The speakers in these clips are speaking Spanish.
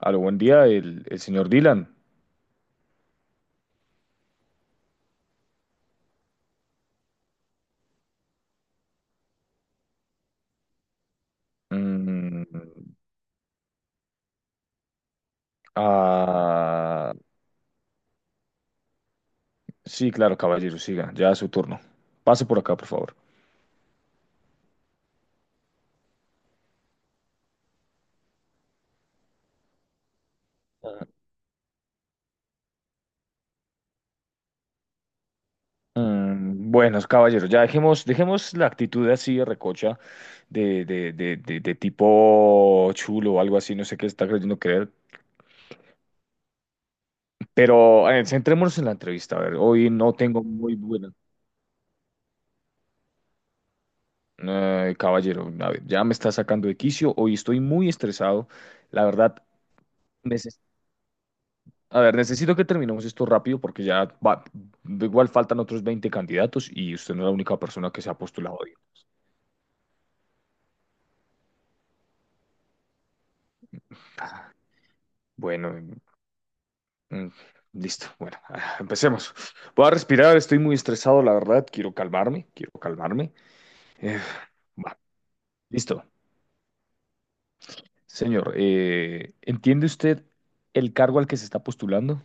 A lo buen día, el señor Dylan. Mm, ah, sí, claro, caballero, siga, ya es su turno. Pase por acá, por favor. Ah, Buenos caballeros, ya dejemos la actitud así de recocha, de tipo chulo o algo así, no sé qué está creyendo creer. Pero centrémonos en la entrevista, a ver, hoy no tengo muy buena. Caballero, a ver, ya me está sacando de quicio, hoy estoy muy estresado, la verdad. A ver, necesito que terminemos esto rápido porque igual faltan otros 20 candidatos y usted no es la única persona que se ha postulado hoy. Bueno, mm, listo. Bueno, empecemos. Voy a respirar, estoy muy estresado, la verdad. Quiero calmarme, quiero calmarme. Eh, Va, listo. Señor, ¿entiende usted el cargo al que se está postulando?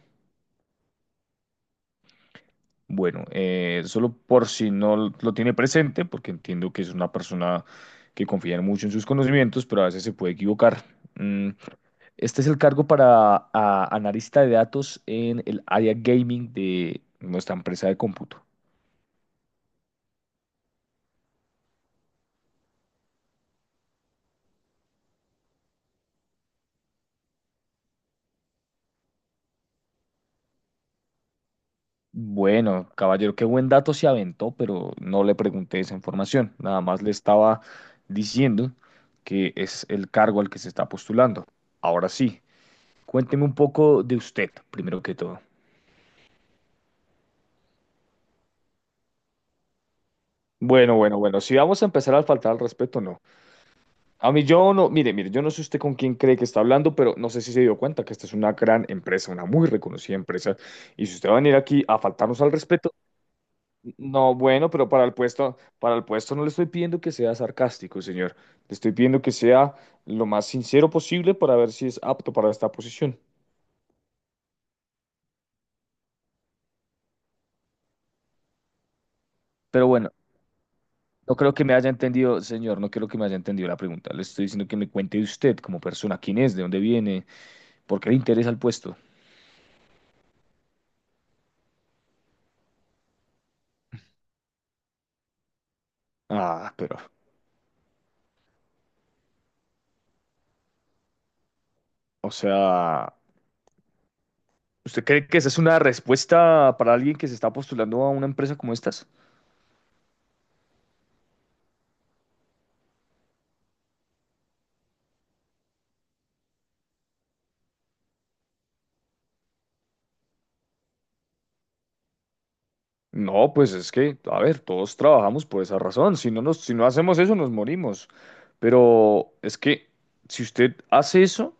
Bueno, solo por si no lo tiene presente, porque entiendo que es una persona que confía mucho en sus conocimientos, pero a veces se puede equivocar. Mm, Este es el cargo para analista de datos en el área gaming de nuestra empresa de cómputo. Bueno, caballero, qué buen dato se aventó, pero no le pregunté esa información. Nada más le estaba diciendo que es el cargo al que se está postulando. Ahora sí, cuénteme un poco de usted, primero que todo. Bueno, bueno, bueno, si vamos a empezar a faltar al respeto, no. A mí yo no, mire, mire, yo no sé usted con quién cree que está hablando, pero no sé si se dio cuenta que esta es una gran empresa, una muy reconocida empresa. Y si usted va a venir aquí a faltarnos al respeto, no, bueno, pero para el puesto no le estoy pidiendo que sea sarcástico, señor. Le estoy pidiendo que sea lo más sincero posible para ver si es apto para esta posición. Pero bueno, no creo que me haya entendido, señor, no creo que me haya entendido la pregunta. Le estoy diciendo que me cuente de usted como persona, quién es, de dónde viene, por qué le interesa el puesto. Ah, pero, o sea... ¿Usted cree que esa es una respuesta para alguien que se está postulando a una empresa como estas? No, pues es que, a ver, todos trabajamos por esa razón. Si no hacemos eso, nos morimos. Pero es que si usted hace eso,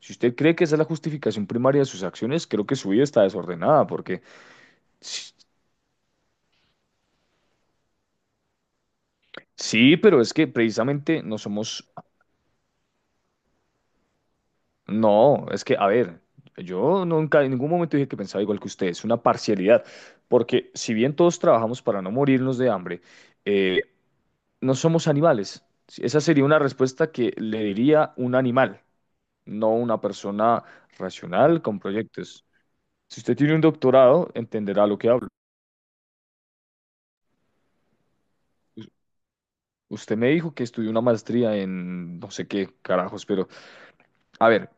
si usted cree que esa es la justificación primaria de sus acciones, creo que su vida está desordenada, porque sí, sí, pero es que precisamente no somos. No, es que, a ver, yo nunca en ningún momento dije que pensaba igual que usted, es una parcialidad, porque si bien todos trabajamos para no morirnos de hambre, eh, no somos animales. Sí, esa sería una respuesta que le diría un animal, no una persona racional con proyectos. Si usted tiene un doctorado, entenderá lo que hablo. U- Usted me dijo que estudió una maestría en no sé qué carajos, pero a ver.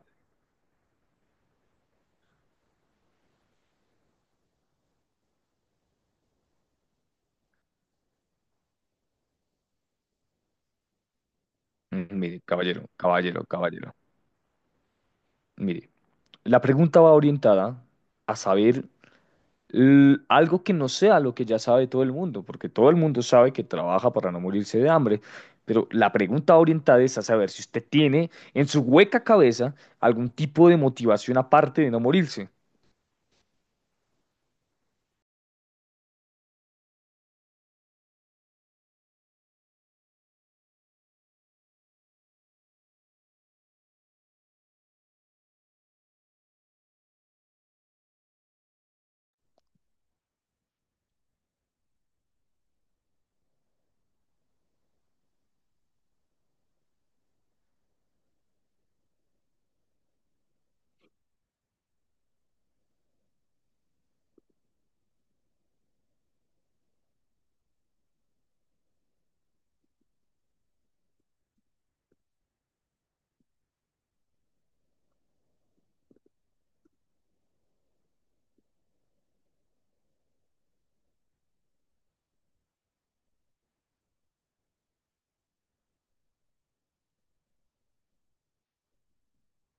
Mire, caballero, mire, la pregunta va orientada a saber algo que no sea lo que ya sabe todo el mundo, porque todo el mundo sabe que trabaja para no morirse de hambre. Pero la pregunta orientada es a saber si usted tiene en su hueca cabeza algún tipo de motivación aparte de no morirse.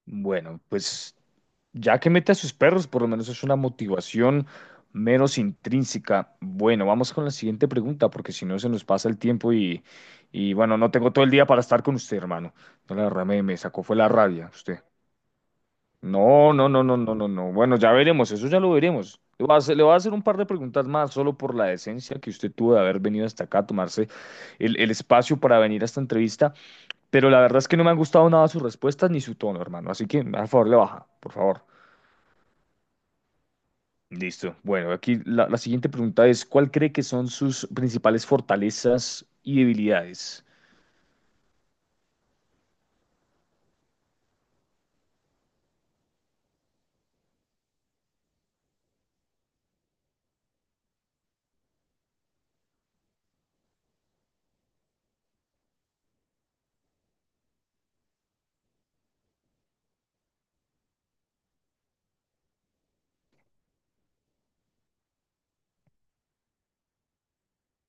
Bueno, pues ya que mete a sus perros, por lo menos es una motivación menos intrínseca. Bueno, vamos con la siguiente pregunta, porque si no se nos pasa el tiempo y bueno, no tengo todo el día para estar con usted, hermano. No, la verdad me sacó fue la rabia usted. No, no, no, no, no, no, no. Bueno, ya veremos, eso ya lo veremos. Le voy a hacer un par de preguntas más, solo por la decencia que usted tuvo de haber venido hasta acá a tomarse el espacio para venir a esta entrevista, pero la verdad es que no me han gustado nada sus respuestas ni su tono, hermano. Así que, a favor, le baja, por favor. Listo. Bueno, aquí la siguiente pregunta es, ¿cuál cree que son sus principales fortalezas y debilidades?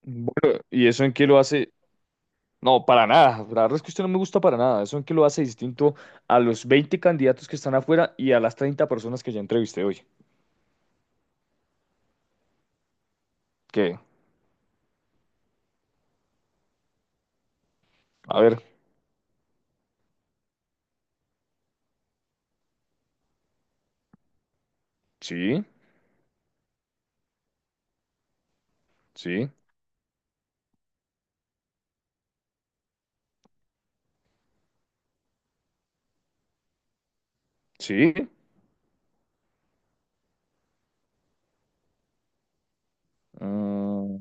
Bueno, ¿y eso en qué lo hace? No, para nada. La verdad es que usted no me gusta para nada. Eso en que lo hace distinto a los 20 candidatos que están afuera y a las 30 personas que ya entrevisté hoy. Que, a ver, sí, sí, sí. mm,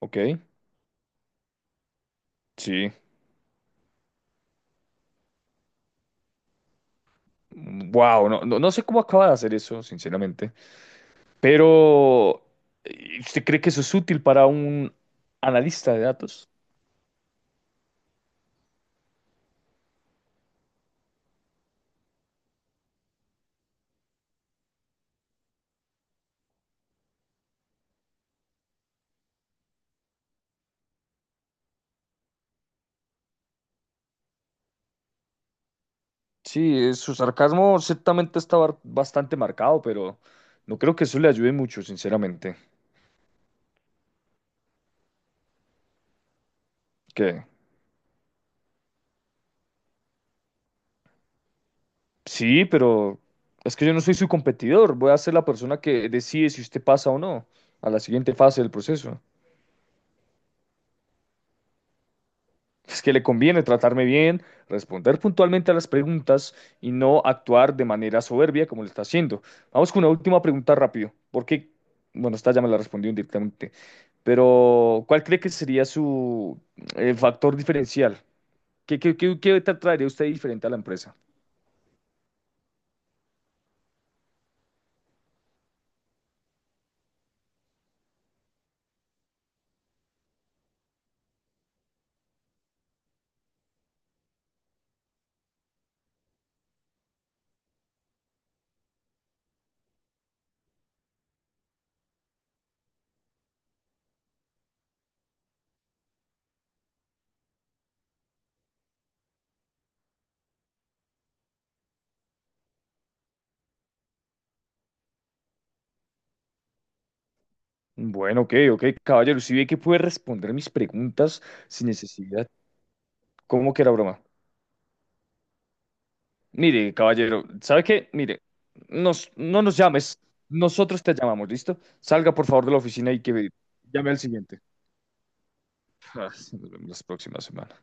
ok, sí. Wow, no, no, no sé cómo acaba de hacer eso, sinceramente. Pero, ¿y ¿usted cree que eso es útil para un analista de datos? Sí, su sarcasmo ciertamente está bastante marcado, pero no creo que eso le ayude mucho, sinceramente. ¿Qué? Sí, pero es que yo no soy su competidor. Voy a ser la persona que decide si usted pasa o no a la siguiente fase del proceso. Es que le conviene tratarme bien, responder puntualmente a las preguntas y no actuar de manera soberbia como lo está haciendo. Vamos con una última pregunta rápido. Porque, bueno, esta ya me la respondió directamente. Pero, ¿cuál cree que sería su factor diferencial? Qué traería usted diferente a la empresa? Bueno, ok, ok, caballero. Si ve que puede responder mis preguntas sin necesidad, ¿cómo que era broma? Mire, caballero, ¿sabe qué? Mire, no nos llames. Nosotros te llamamos, ¿listo? Salga, por favor, de la oficina y que llame al siguiente. Ah, sí, nos vemos la próxima semana.